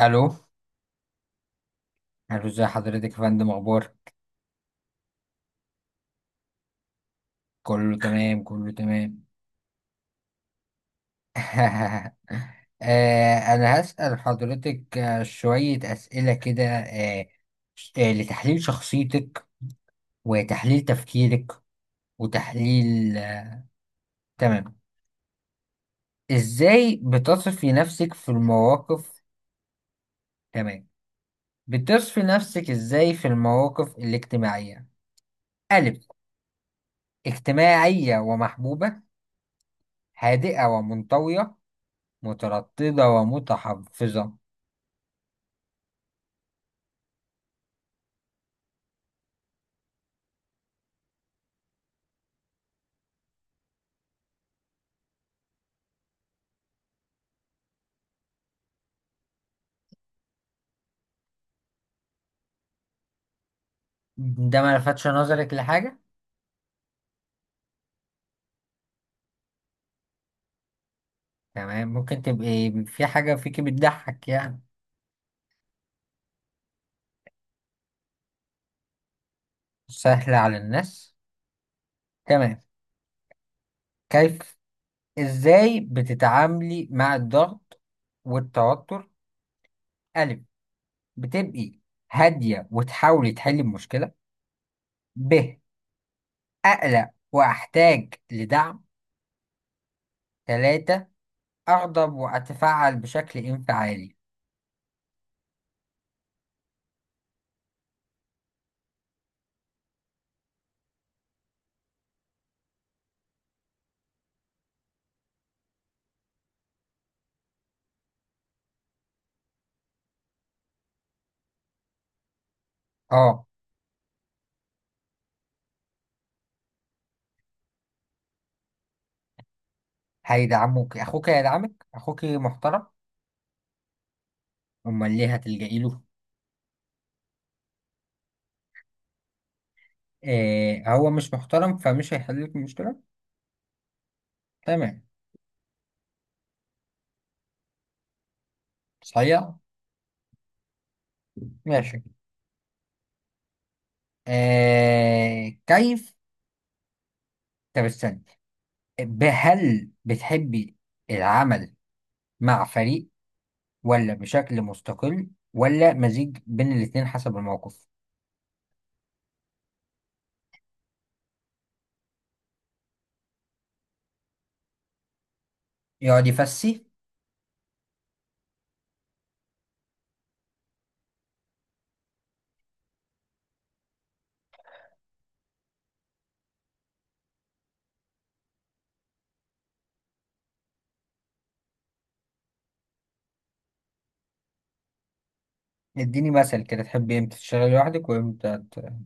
الو الو. ازي حضرتك يا فندم، اخبار؟ كله تمام، كله تمام. انا هسأل حضرتك، شوية اسئلة كده لتحليل شخصيتك، وتحليل تفكيرك، وتحليل تمام. ازاي بتصفي نفسك في المواقف؟ تمام. بتصفي نفسك ازاي في المواقف الاجتماعية؟ ألف: اجتماعية ومحبوبة، هادئة ومنطوية، مترددة ومتحفظة. ده ما لفتش نظرك لحاجة؟ تمام، ممكن تبقي في حاجة فيكي بتضحك يعني. سهلة على الناس. تمام. كيف؟ ازاي بتتعاملي مع الضغط والتوتر؟ ألف: بتبقي هادية وتحاولي تحلي المشكلة. ب: أقلق وأحتاج لدعم. ثلاثة: أغضب وأتفاعل بشكل انفعالي. اه، هيدعموك. أخوك هيدعمك؟ أخوك محترم؟ أمال ليه هتلجئي له؟ إيه، هو مش محترم فمش هيحل لك المشكلة. تمام، صحيح، ماشي. إيه كيف؟ طب استنى، هل بتحبي العمل مع فريق، ولا بشكل مستقل، ولا مزيج بين الاتنين حسب الموقف؟ يقعد يفسي. اديني مثل كده، تحبي امتى تشتغلي لوحدك وامتى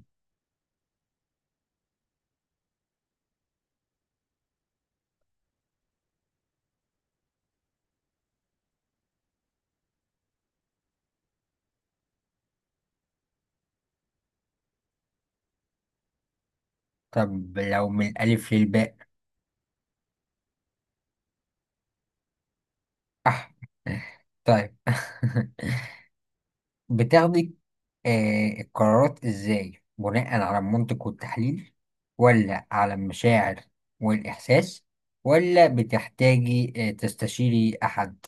طب لو من الألف للباء؟ أح. طيب. بتاخدي القرارات ازاي؟ بناء على المنطق والتحليل، ولا على المشاعر والإحساس، ولا بتحتاجي تستشيري أحد؟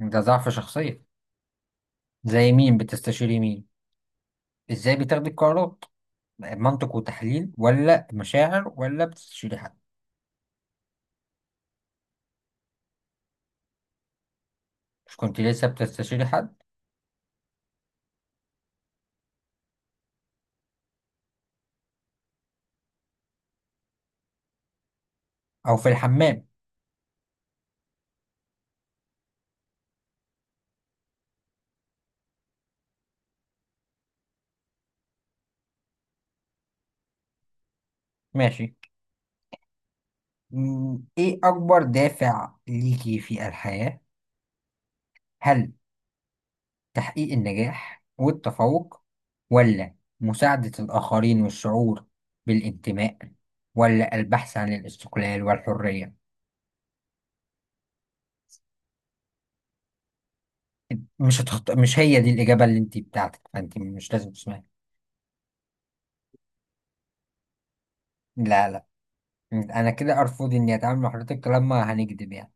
ده ضعف شخصية. زي مين بتستشيري؟ مين؟ ازاي بتاخدي القرارات؟ منطق وتحليل، ولا مشاعر، ولا بتستشيري حد؟ مش كنت لسه بتستشيري حد؟ أو في الحمام. ماشي. ايه أكبر دافع ليكي في الحياة؟ هل تحقيق النجاح والتفوق، ولا مساعدة الآخرين والشعور بالانتماء، ولا البحث عن الاستقلال والحرية؟ مش هي دي الإجابة اللي أنت بتاعتك فأنت مش لازم تسمعها. لا، لا، أنا كده أرفض إني أتعامل مع حضرتك لما هنكذب يعني.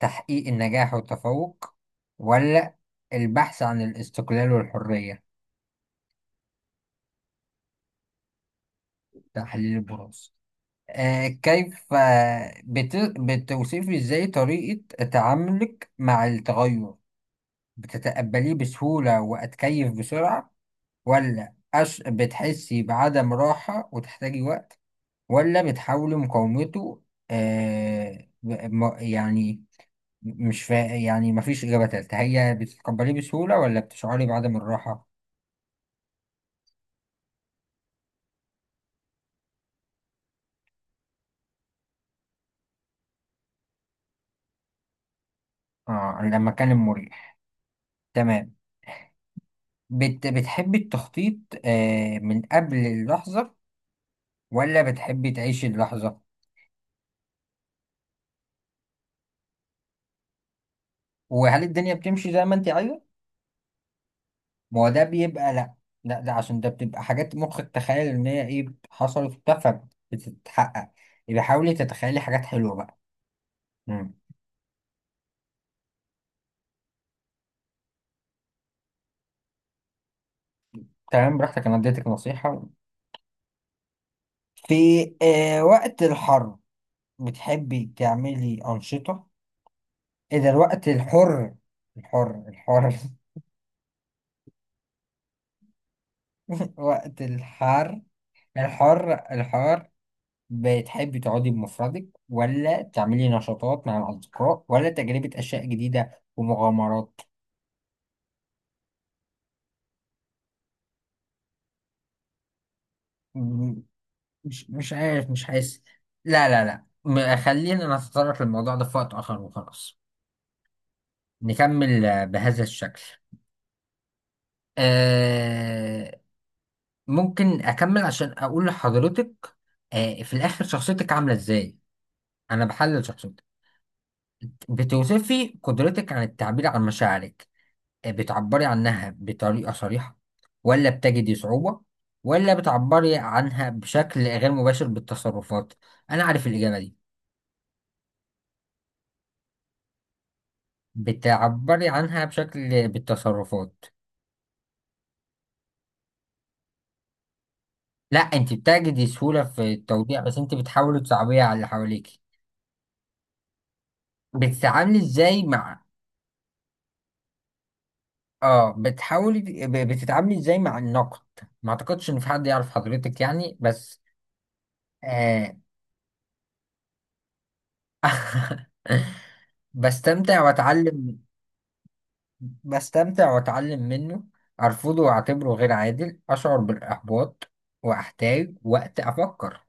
تحقيق النجاح والتفوق، ولا البحث عن الاستقلال والحرية؟ تحليل البراز. بتوصفي إزاي طريقة تعاملك مع التغير؟ بتتقبليه بسهولة وأتكيف بسرعة، ولا بتحسي بعدم راحة وتحتاجي وقت، ولا بتحاولي مقاومته؟ يعني مش فا... يعني مفيش إجابة تالتة، هي بتتقبليه بسهولة ولا بتشعري بعدم الراحة؟ لما كان مريح. تمام. بتحبي التخطيط من قبل اللحظة، ولا بتحبي تعيشي اللحظة؟ وهل الدنيا بتمشي زي ما انت عايزة؟ ما هو ده بيبقى لا. لا، ده عشان ده بتبقى حاجات مخك تخيل ان هي ايه حصلت وبتاع فبتتحقق. يبقى حاولي تتخيلي حاجات حلوه بقى. مم. تمام، براحتك، انا اديتك نصيحه. في وقت الحر بتحبي تعملي انشطه اذا الوقت الحر؟ الحر الحر. وقت الحر. الحر الحر. بتحبي تقعدي بمفردك، ولا تعملي نشاطات مع الاصدقاء، ولا تجربه اشياء جديده ومغامرات؟ مش عارف، مش حاسس. لا، لا، لا، خلينا نتطرق للموضوع ده في وقت آخر وخلاص. نكمل بهذا الشكل. آه ممكن أكمل عشان أقول لحضرتك في الآخر شخصيتك عاملة إزاي. أنا بحلل شخصيتك. بتوصفي قدرتك عن التعبير عن مشاعرك؟ بتعبري عنها بطريقة صريحة، ولا بتجدي صعوبة، ولا بتعبري عنها بشكل غير مباشر بالتصرفات؟ أنا عارف الإجابة دي. بتعبري عنها بشكل بالتصرفات. لا، انت بتجدي سهولة في التوضيح بس انت بتحاولي تصعبيها على اللي حواليك. بتتعاملي ازاي مع اه بتحاولي بتتعاملي ازاي مع النقد؟ ما اعتقدش ان في حد يعرف حضرتك يعني بس. آه... بستمتع واتعلم. بستمتع واتعلم منه. ارفضه واعتبره غير عادل. اشعر بالاحباط واحتاج وقت افكر.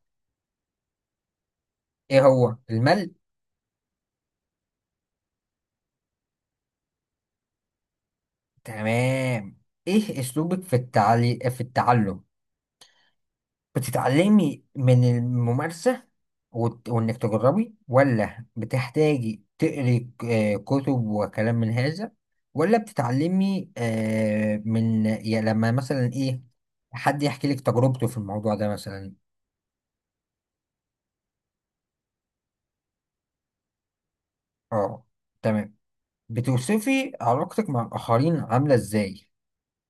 ايه هو الملل؟ تمام. ايه اسلوبك في في التعلم؟ بتتعلمي من الممارسة وانك تجربي، ولا بتحتاجي تقري كتب وكلام من هذا، ولا بتتعلمي من يا لما مثلا ايه، حد يحكي لك تجربته في الموضوع ده مثلا؟ اه، تمام. بتوصفي علاقتك مع الآخرين عاملة ازاي؟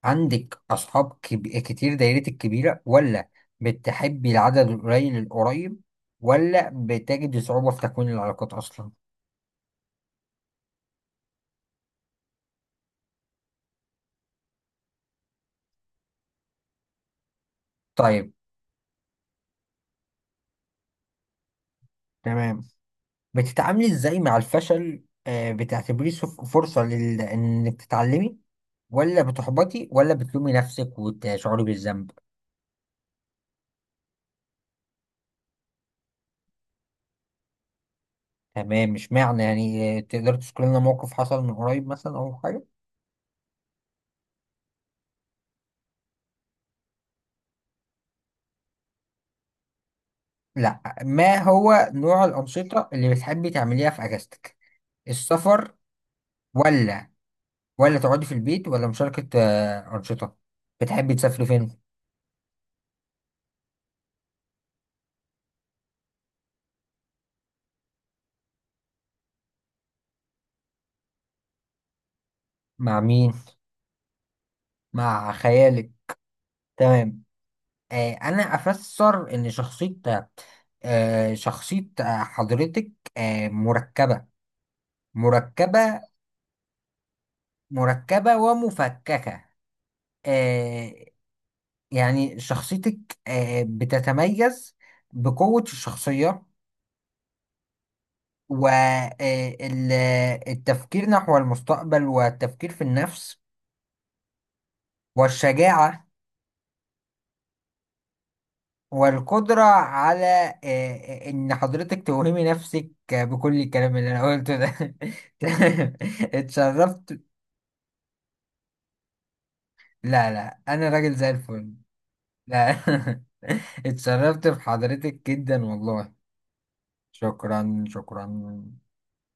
عندك أصحاب كتير، دايرتك كبيرة، ولا بتحبي العدد القليل القريب، ولا بتجدي صعوبة في تكوين العلاقات أصلا؟ طيب. تمام. بتتعاملي إزاي مع الفشل؟ بتعتبريه فرصة إنك تتعلمي، ولا بتحبطي، ولا بتلومي نفسك وتشعري بالذنب؟ تمام، مش معنى يعني. تقدر تذكر لنا موقف حصل من قريب مثلا أو حاجة؟ لا، ما هو نوع الأنشطة اللي بتحبي تعمليها في أجازتك؟ السفر، ولا ولا تقعدي في البيت، ولا مشاركة أنشطة؟ بتحبي تسافري فين؟ مع مين؟ مع خيالك. تمام. أنا أفسر إن شخصية آه شخصية آه، حضرتك آه مركبة، مركبة مركبة ومفككة. آه يعني شخصيتك بتتميز بقوة الشخصية، والتفكير نحو المستقبل، والتفكير في النفس، والشجاعة، والقدرة على إن حضرتك توهمي نفسك بكل الكلام اللي أنا قلته ده. اتشرفت. لا، لا، أنا راجل زي الفل. لا. اتشرفت بحضرتك جدا والله. شكرا، شكرا.